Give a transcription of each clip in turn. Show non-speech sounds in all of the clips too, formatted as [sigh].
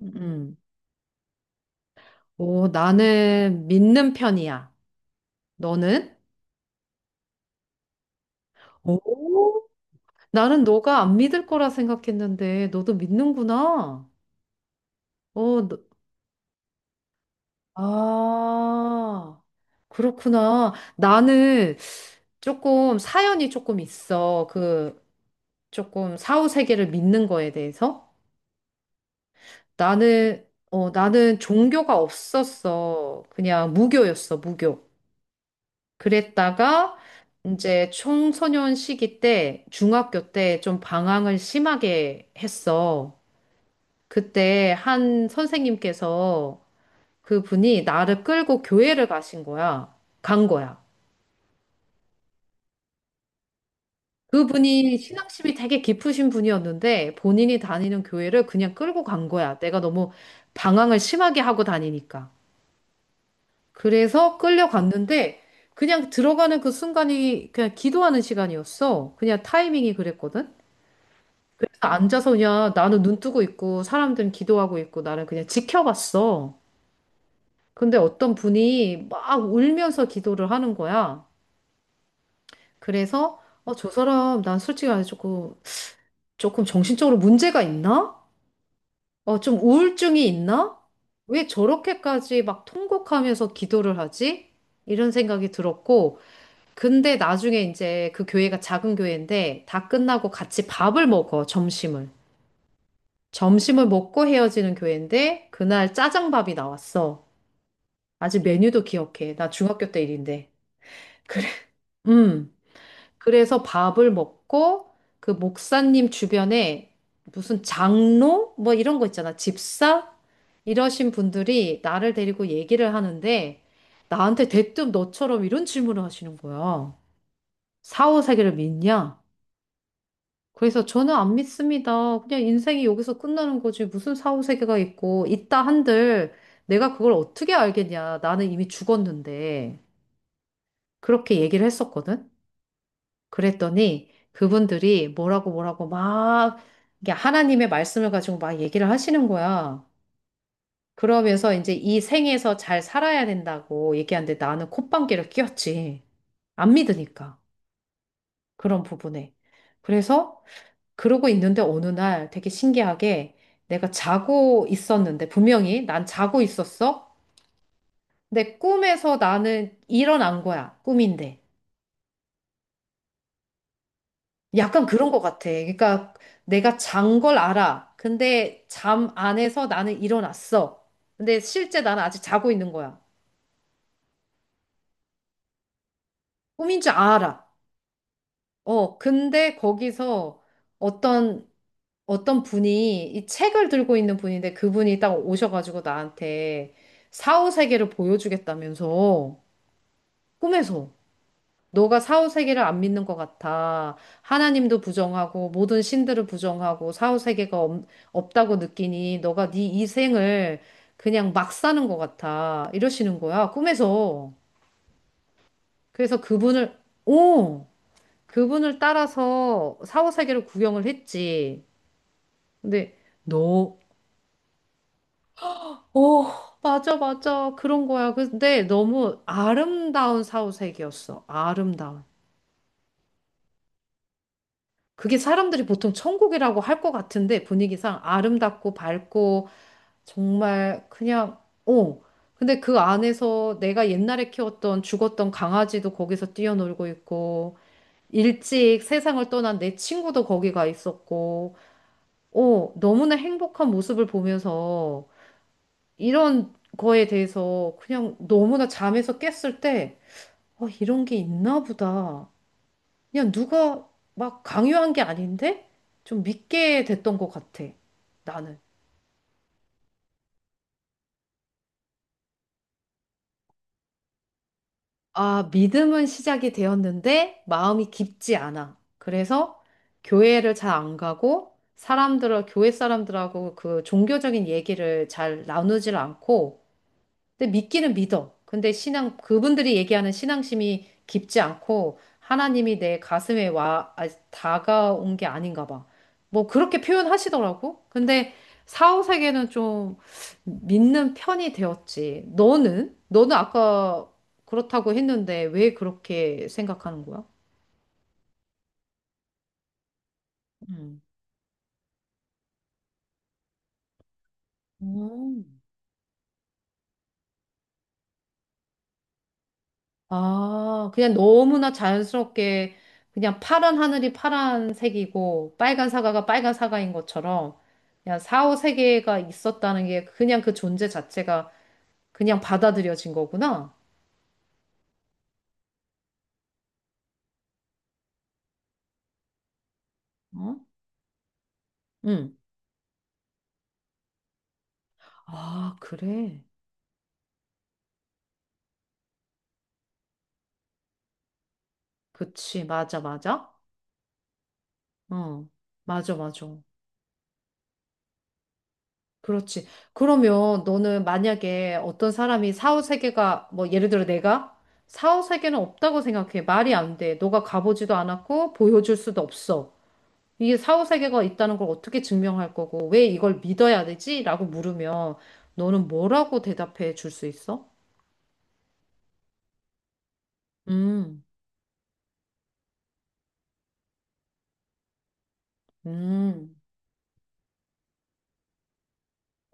음. 음. 오, 나는 믿는 편이야. 너는? 오, 나는 너가 안 믿을 거라 생각했는데 너도 믿는구나. 어, 너- 아, 그렇구나. 나는 조금 사연이 조금 있어. 그 조금 사후 세계를 믿는 거에 대해서. 나는 종교가 없었어. 그냥 무교였어, 무교. 그랬다가 이제 청소년 시기 때 중학교 때 좀 방황을 심하게 했어. 그때 한 선생님께서 그분이 나를 끌고 교회를 가신 거야. 간 거야. 그분이 신앙심이 되게 깊으신 분이었는데 본인이 다니는 교회를 그냥 끌고 간 거야. 내가 너무 방황을 심하게 하고 다니니까. 그래서 끌려갔는데 그냥 들어가는 그 순간이 그냥 기도하는 시간이었어. 그냥 타이밍이 그랬거든. 앉아서 그냥 나는 눈 뜨고 있고 사람들은 기도하고 있고 나는 그냥 지켜봤어. 근데 어떤 분이 막 울면서 기도를 하는 거야. 그래서 어, 저 사람 난 솔직히 말해 조금 정신적으로 문제가 있나? 어, 좀 우울증이 있나? 왜 저렇게까지 막 통곡하면서 기도를 하지? 이런 생각이 들었고, 근데 나중에 이제 그 교회가 작은 교회인데 다 끝나고 같이 밥을 먹어, 점심을. 점심을 먹고 헤어지는 교회인데 그날 짜장밥이 나왔어. 아직 메뉴도 기억해. 나 중학교 때 일인데. 그래. 음. 그래서 밥을 먹고 그 목사님 주변에 무슨 장로 뭐 이런 거 있잖아. 집사 이러신 분들이 나를 데리고 얘기를 하는데 나한테 대뜸 너처럼 이런 질문을 하시는 거야. 사후세계를 믿냐? 그래서 저는 안 믿습니다. 그냥 인생이 여기서 끝나는 거지. 무슨 사후세계가 있고, 있다 한들 내가 그걸 어떻게 알겠냐. 나는 이미 죽었는데. 그렇게 얘기를 했었거든. 그랬더니 그분들이 뭐라고 뭐라고 막 이게 하나님의 말씀을 가지고 막 얘기를 하시는 거야. 그러면서 이제 이 생에서 잘 살아야 된다고 얘기하는데 나는 콧방귀를 뀌었지. 안 믿으니까. 그런 부분에. 그래서 그러고 있는데 어느 날 되게 신기하게 내가 자고 있었는데 분명히 난 자고 있었어. 근데 꿈에서 나는 일어난 거야. 꿈인데. 약간 그런 것 같아. 그러니까 내가 잔 걸 알아. 근데 잠 안에서 나는 일어났어. 근데 실제 나는 아직 자고 있는 거야. 꿈인 줄 알아. 어, 근데 거기서 어떤 어떤 분이 이 책을 들고 있는 분인데 그분이 딱 오셔가지고 나한테 사후 세계를 보여주겠다면서 꿈에서 너가 사후 세계를 안 믿는 것 같아. 하나님도 부정하고 모든 신들을 부정하고 사후 세계가 없다고 느끼니 너가 네 이생을 그냥 막 사는 것 같아. 이러시는 거야. 꿈에서. 그래서 그분을 오! 그분을 따라서 사후 세계를 구경을 했지. 근데 너 오, 맞아, 맞아. 그런 거야. 근데 너무 아름다운 사후세계였어. 아름다운. 그게 사람들이 보통 천국이라고 할 것 같은데 분위기상 아름답고 밝고 정말 그냥, 어. 근데 그 안에서 내가 옛날에 키웠던 죽었던 강아지도 거기서 뛰어놀고 있고, 일찍 세상을 떠난 내 친구도 거기가 있었고, 어, 너무나 행복한 모습을 보면서 이런 거에 대해서 그냥 너무나 잠에서 깼을 때 어, 이런 게 있나 보다. 그냥 누가 막 강요한 게 아닌데 좀 믿게 됐던 것 같아. 나는. 아, 믿음은 시작이 되었는데 마음이 깊지 않아. 그래서 교회를 잘 안 가고 사람들을, 교회 사람들하고 그 종교적인 얘기를 잘 나누질 않고 근데 믿기는 믿어. 근데 신앙, 그분들이 얘기하는 신앙심이 깊지 않고 하나님이 내 가슴에 다가온 게 아닌가 봐. 뭐 그렇게 표현하시더라고. 근데 사후세계는 좀 믿는 편이 되었지. 너는? 너는 아까 그렇다고 했는데 왜 그렇게 생각하는 거야? 음. 아, 그냥 너무나 자연스럽게 그냥 파란 하늘이 파란색이고 빨간 사과가 빨간 사과인 것처럼 그냥 사후 세계가 있었다는 게 그냥 그 존재 자체가 그냥 받아들여진 거구나. 어? 응. 아, 그래. 그치. 맞아, 맞아. 응. 맞아, 맞아. 그렇지. 그러면 너는 만약에 어떤 사람이 사후 세계가 뭐 예를 들어 내가 사후 세계는 없다고 생각해. 말이 안 돼. 너가 가보지도 않았고 보여줄 수도 없어. 이게 사후세계가 있다는 걸 어떻게 증명할 거고, 왜 이걸 믿어야 되지? 라고 물으면 너는 뭐라고 대답해 줄 수 있어? 음, 음,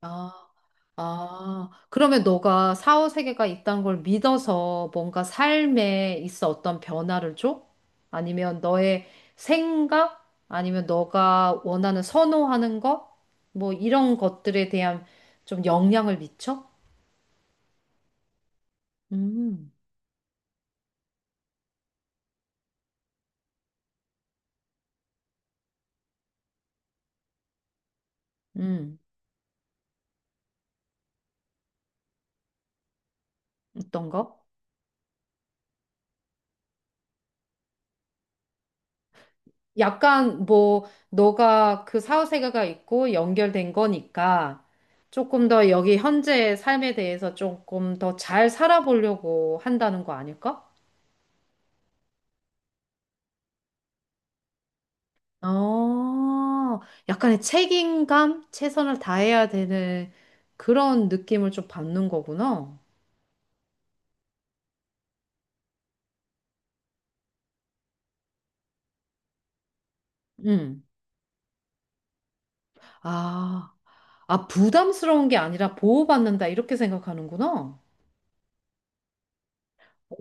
아, 아. 그러면 너가 사후세계가 있다는 걸 믿어서 뭔가 삶에 있어 어떤 변화를 줘? 아니면 너의 생각? 아니면 너가 원하는 선호하는 것? 뭐 이런 것들에 대한 좀 영향을 미쳐? 음, 음, 어떤 거? 약간 뭐 너가 그 사후세계가 있고 연결된 거니까 조금 더 여기 현재의 삶에 대해서 조금 더 잘 살아보려고 한다는 거 아닐까? 어, 약간의 책임감, 최선을 다해야 되는 그런 느낌을 좀 받는 거구나. 음. 아, 아, 부담스러운 게 아니라 보호받는다 이렇게 생각하는구나.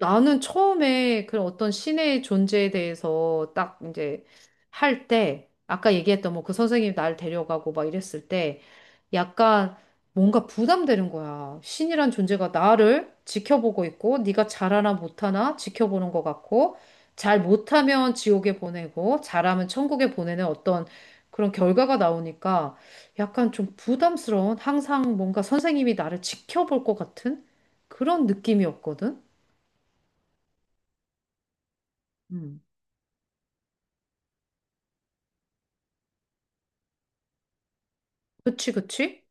나는 처음에 그런 어떤 신의 존재에 대해서 딱 이제 할 때, 아까 얘기했던 뭐 그 선생님이 날 데려가고 막 이랬을 때, 약간 뭔가 부담되는 거야. 신이란 존재가 나를 지켜보고 있고, 네가 잘하나 못하나 지켜보는 것 같고, 잘 못하면 지옥에 보내고, 잘하면 천국에 보내는 어떤 그런 결과가 나오니까 약간 좀 부담스러운, 항상 뭔가 선생님이 나를 지켜볼 것 같은 그런 느낌이었거든. 음. 그치, 그치?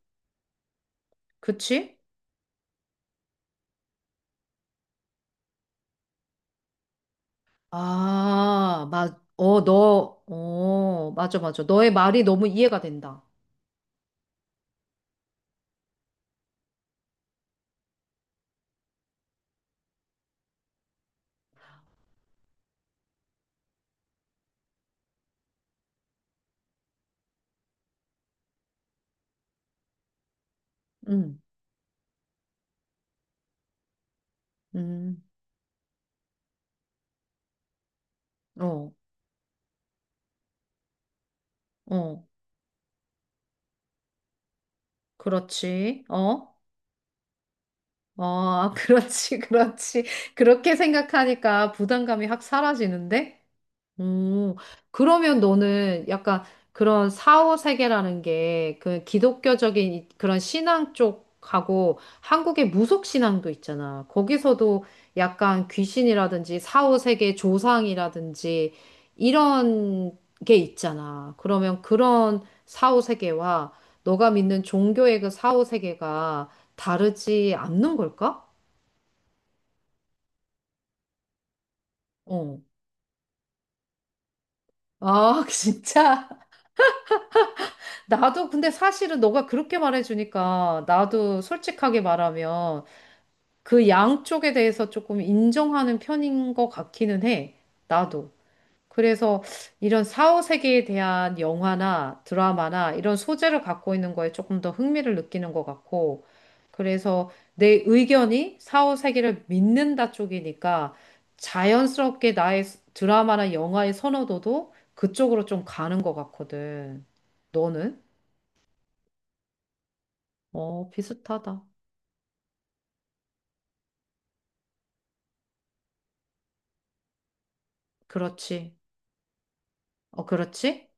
그치? 아, 마, 어, 너, 어, 맞아, 맞아. 너의 말이 너무 이해가 된다. 음, 음, 어, 어, 그렇지. 어, 어, [laughs] 그렇지, 그렇지. 그렇게 생각하니까 부담감이 확 사라지는데? 오, 그러면 너는 약간 그런 사후 세계라는 게 그 그런 신앙 쪽하고 한국의 무속 신앙도 있잖아. 거기서도 약간 귀신이라든지 사후 세계 조상이라든지 이런 게 있잖아. 그러면 그런 사후 세계와 너가 믿는 종교의 그 사후 세계가 다르지 않는 걸까? 어. 아, [laughs] 진짜? 나도 근데 사실은 너가 그렇게 말해주니까 나도 솔직하게 말하면 그 양쪽에 대해서 조금 인정하는 편인 것 같기는 해. 나도. 그래서 이런 사후 세계에 대한 영화나 드라마나 이런 소재를 갖고 있는 거에 조금 더 흥미를 느끼는 것 같고. 그래서 내 의견이 사후 세계를 믿는다 쪽이니까 자연스럽게 나의 드라마나 영화의 선호도도 그쪽으로 좀 가는 것 같거든. 너는? 어, 비슷하다. 그렇지. 어, 그렇지?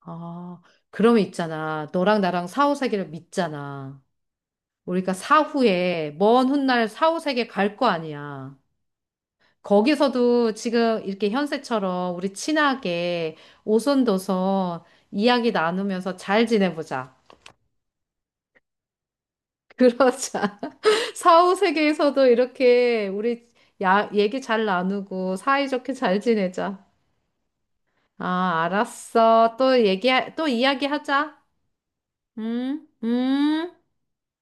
아, 그러면 있잖아. 너랑 나랑 사후세계를 믿잖아. 우리가 사후에, 먼 훗날 사후세계 갈 거 아니야. 거기서도 지금 이렇게 현세처럼 우리 친하게 오손도손 이야기 나누면서 잘 지내보자. 그러자. [laughs] 사후세계에서도 이렇게 우리 야, 얘기 잘 나누고 사이좋게 잘 지내자. 아, 알았어. 또 얘기, 또 이야기하자. 응? 응?